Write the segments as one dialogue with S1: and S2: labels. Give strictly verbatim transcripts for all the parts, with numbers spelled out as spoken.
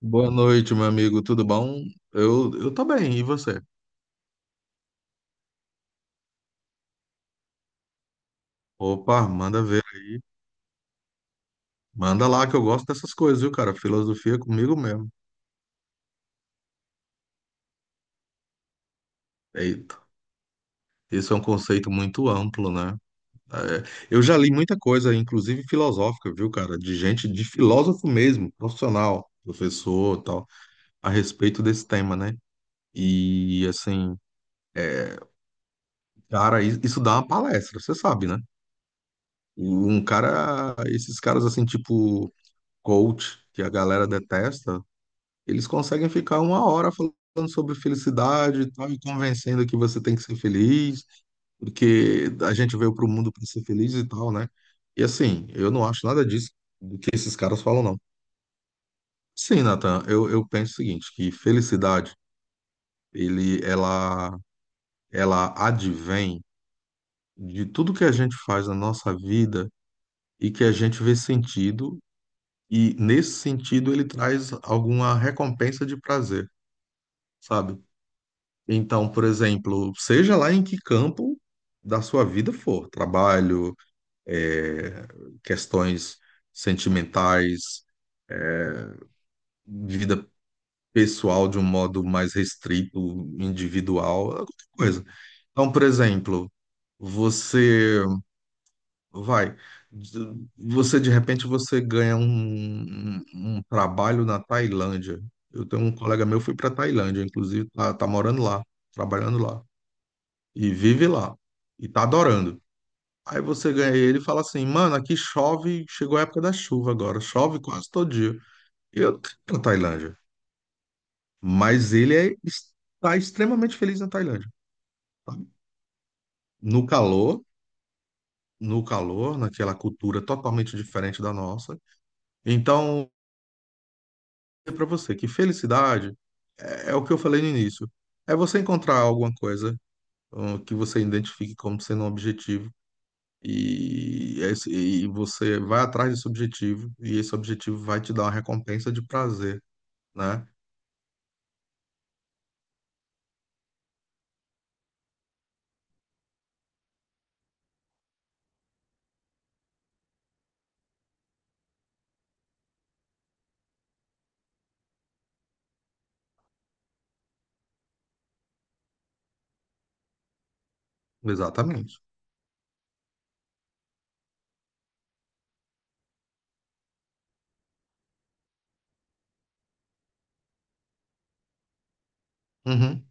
S1: Boa noite, meu amigo. Tudo bom? Eu, eu tô bem, e você? Opa, manda ver. Manda lá que eu gosto dessas coisas, viu, cara? Filosofia é comigo mesmo. Eita, isso é um conceito muito amplo, né? É, eu já li muita coisa, inclusive filosófica, viu, cara? De gente, de filósofo mesmo, profissional, professor, e tal, a respeito desse tema, né? E assim, é, cara, i- isso dá uma palestra, você sabe, né? Um cara, esses caras assim, tipo coach, que a galera detesta, eles conseguem ficar uma hora falando sobre felicidade e tal, e convencendo que você tem que ser feliz, porque a gente veio para o mundo para ser feliz e tal, né? E assim, eu não acho nada disso do que esses caras falam, não. Sim, Nathan, eu, eu penso o seguinte, que felicidade, ele, ela, ela advém de tudo que a gente faz na nossa vida e que a gente vê sentido, e nesse sentido ele traz alguma recompensa de prazer, sabe? Então, por exemplo, seja lá em que campo da sua vida for, trabalho, eh, questões sentimentais, vida pessoal de um modo mais restrito, individual, qualquer coisa. Então, por exemplo, você vai, você de repente você ganha um, um- um trabalho na Tailândia. Eu tenho um colega meu que foi para Tailândia, inclusive tá, tá morando lá, trabalhando lá. E vive lá e tá adorando. Aí você ganha ele e fala assim, mano, aqui chove, chegou a época da chuva agora, chove quase todo dia. E eu tô na Tailândia, mas ele é, está extremamente feliz na Tailândia. Tá? No calor, no calor, naquela cultura totalmente diferente da nossa. Então, é para você que felicidade é, é o que eu falei no início. É você encontrar alguma coisa hum, que você identifique como sendo um objetivo. E, esse- e você vai atrás desse objetivo, e esse objetivo vai te dar uma recompensa de prazer, né? Exatamente. Uhum.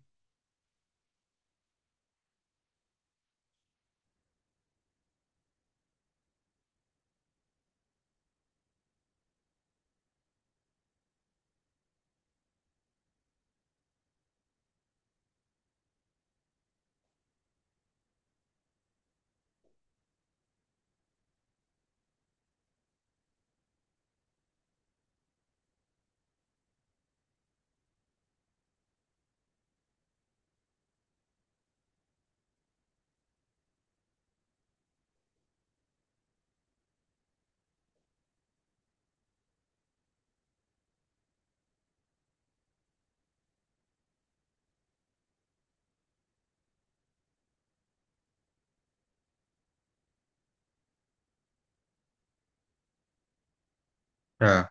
S1: É.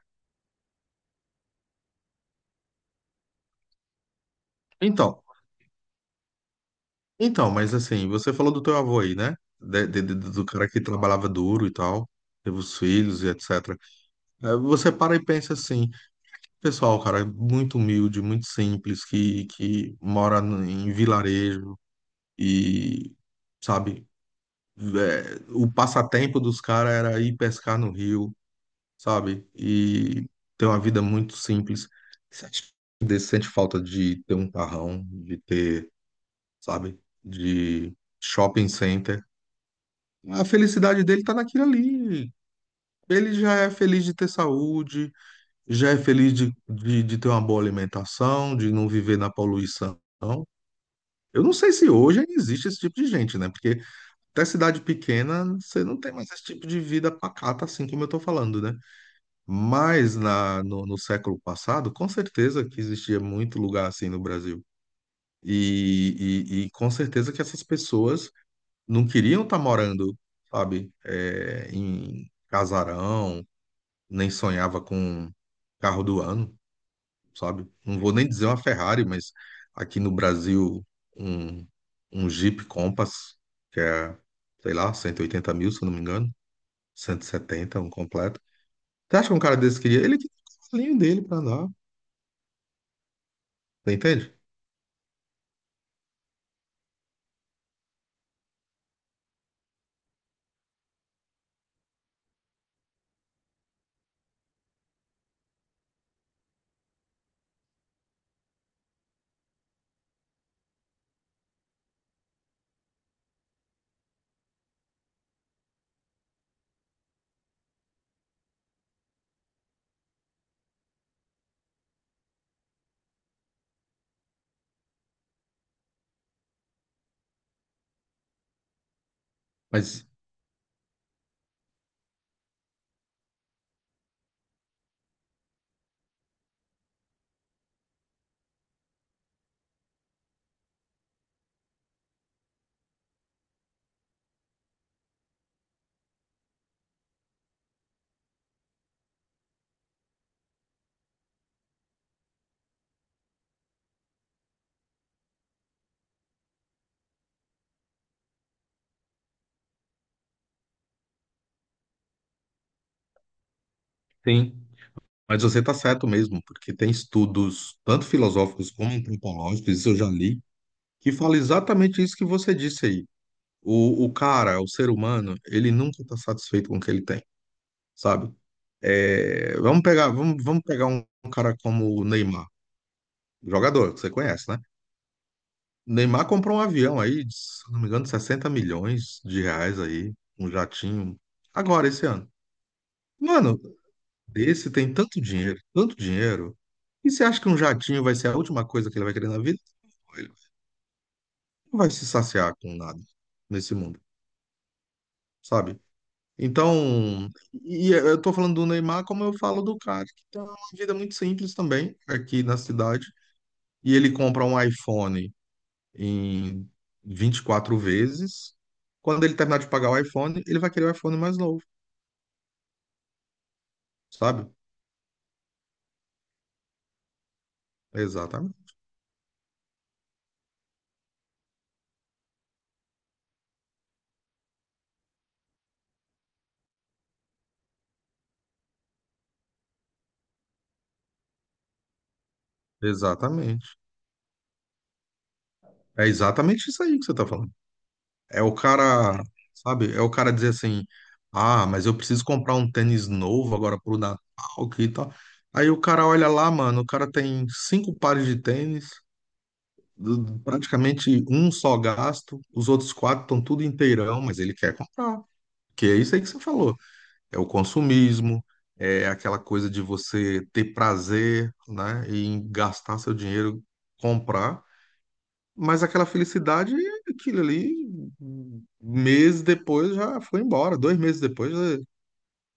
S1: Então, então, mas assim, você falou do teu avô aí, né? De- de- de- do cara que trabalhava duro e tal, teve os filhos e et cetera. É, você para e pensa assim, pessoal, cara, muito humilde, muito simples, que, que mora no- em vilarejo e, sabe, é, o passatempo dos caras era ir pescar no rio, sabe? E ter uma vida muito simples. Você acha que sente falta de ter um carrão, de ter, sabe? De shopping center. A felicidade dele tá naquilo ali. Ele já é feliz de ter saúde, já é feliz de, de, de ter uma boa alimentação, de não viver na poluição. Eu não sei se hoje ainda existe esse tipo de gente, né? Porque até cidade pequena, você não tem mais esse tipo de vida pacata, assim como eu tô falando, né? Mas na, no, no século passado, com certeza que existia muito lugar assim no Brasil. E, e, e com certeza que essas pessoas não queriam estar morando, sabe, é, em casarão, nem sonhava com carro do ano, sabe? Não vou nem dizer uma Ferrari, mas aqui no Brasil, um, um Jeep Compass, que é, sei lá, cento e oitenta mil, se eu não me engano, cento e setenta um completo. Você acha que um cara desse queria? Ele tinha o carrinho dele para andar. Entende? Mas sim, mas você está certo mesmo, porque tem estudos, tanto filosóficos como antropológicos, isso eu já li, que fala exatamente isso que você disse aí. O, o cara, o ser humano, ele nunca está satisfeito com o que ele tem, sabe? É, vamos pegar, vamos, vamos pegar um cara como o Neymar, jogador que você conhece, né? O Neymar comprou um avião aí, de, se não me engano, sessenta milhões de reais aí, um jatinho, agora esse ano. Mano, esse tem tanto dinheiro, tanto dinheiro. E você acha que um jatinho vai ser a última coisa que ele vai querer na vida? Não, ele não vai se saciar com nada nesse mundo, sabe? Então, e eu tô falando do Neymar como eu falo do cara que tem uma vida muito simples também aqui na cidade. E ele compra um iPhone em vinte e quatro vezes. Quando ele terminar de pagar o iPhone, ele vai querer o iPhone mais novo, sabe? Exatamente. Exatamente. É exatamente isso aí que você tá falando. É o cara, sabe? É o cara dizer assim: ah, mas eu preciso comprar um tênis novo agora pro Natal, que tal. Aí o cara olha lá, mano, o cara tem cinco pares de tênis, do- praticamente um só gasto, os outros quatro estão tudo inteirão, mas ele quer comprar. Que é isso aí que você falou. É o consumismo, é aquela coisa de você ter prazer, né, em gastar seu dinheiro, comprar. Mas aquela felicidade, é aquilo ali, um mês depois já foi embora, dois meses depois eh,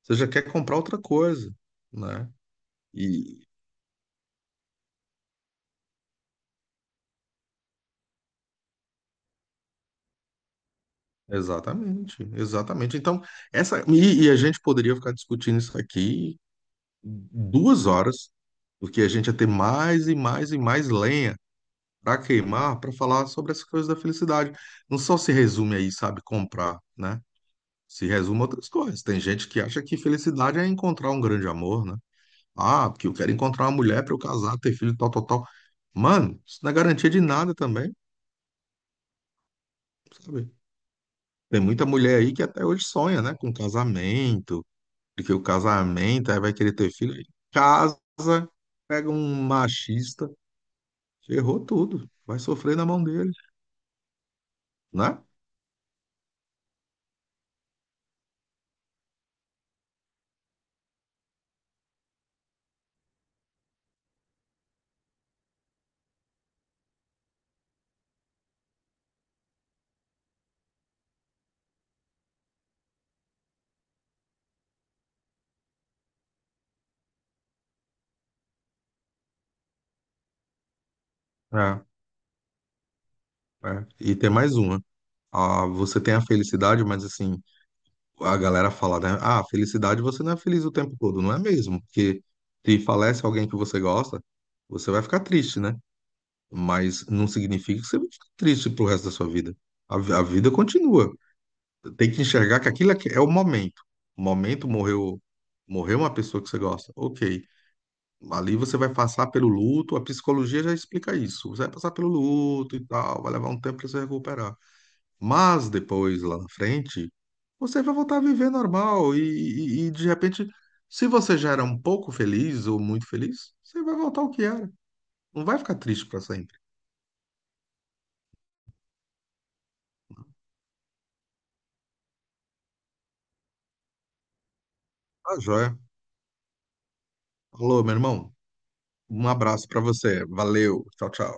S1: você já quer comprar outra coisa, né? E exatamente, exatamente. Então, essa e, e a gente poderia ficar discutindo isso aqui duas horas, porque a gente ia ter mais e mais e mais lenha para queimar para falar sobre essas coisas da felicidade. Não só se resume aí, sabe, comprar, né? Se resume a outras coisas. Tem gente que acha que felicidade é encontrar um grande amor, né? Ah, porque eu quero encontrar uma mulher para eu casar, ter filho, tal, tal, tal. Mano, isso não é garantia de nada também, sabe? Tem muita mulher aí que até hoje sonha, né, com casamento, porque o casamento aí vai querer ter filho. Aí casa, pega um machista, ferrou tudo, vai sofrer na mão dele, né? É, é. E tem mais uma. Ah, você tem a felicidade, mas assim, a galera fala, né? Ah, felicidade você não é feliz o tempo todo, não é mesmo? Porque se falece alguém que você gosta, você vai ficar triste, né? Mas não significa que você vai ficar triste pro resto da sua vida. A, vi- a vida continua. Tem que enxergar que aquilo é que- é o momento. O momento morreu, morreu uma pessoa que você gosta. Ok. Ali você vai passar pelo luto, a psicologia já explica isso. Você vai passar pelo luto e tal, vai levar um tempo para se recuperar. Mas depois, lá na frente, você vai voltar a viver normal e, e- e, de repente, se você já era um pouco feliz ou muito feliz, você vai voltar ao que era. Não vai ficar triste para sempre. Tá joia. Alô, meu irmão, um abraço pra você. Valeu. Tchau, tchau.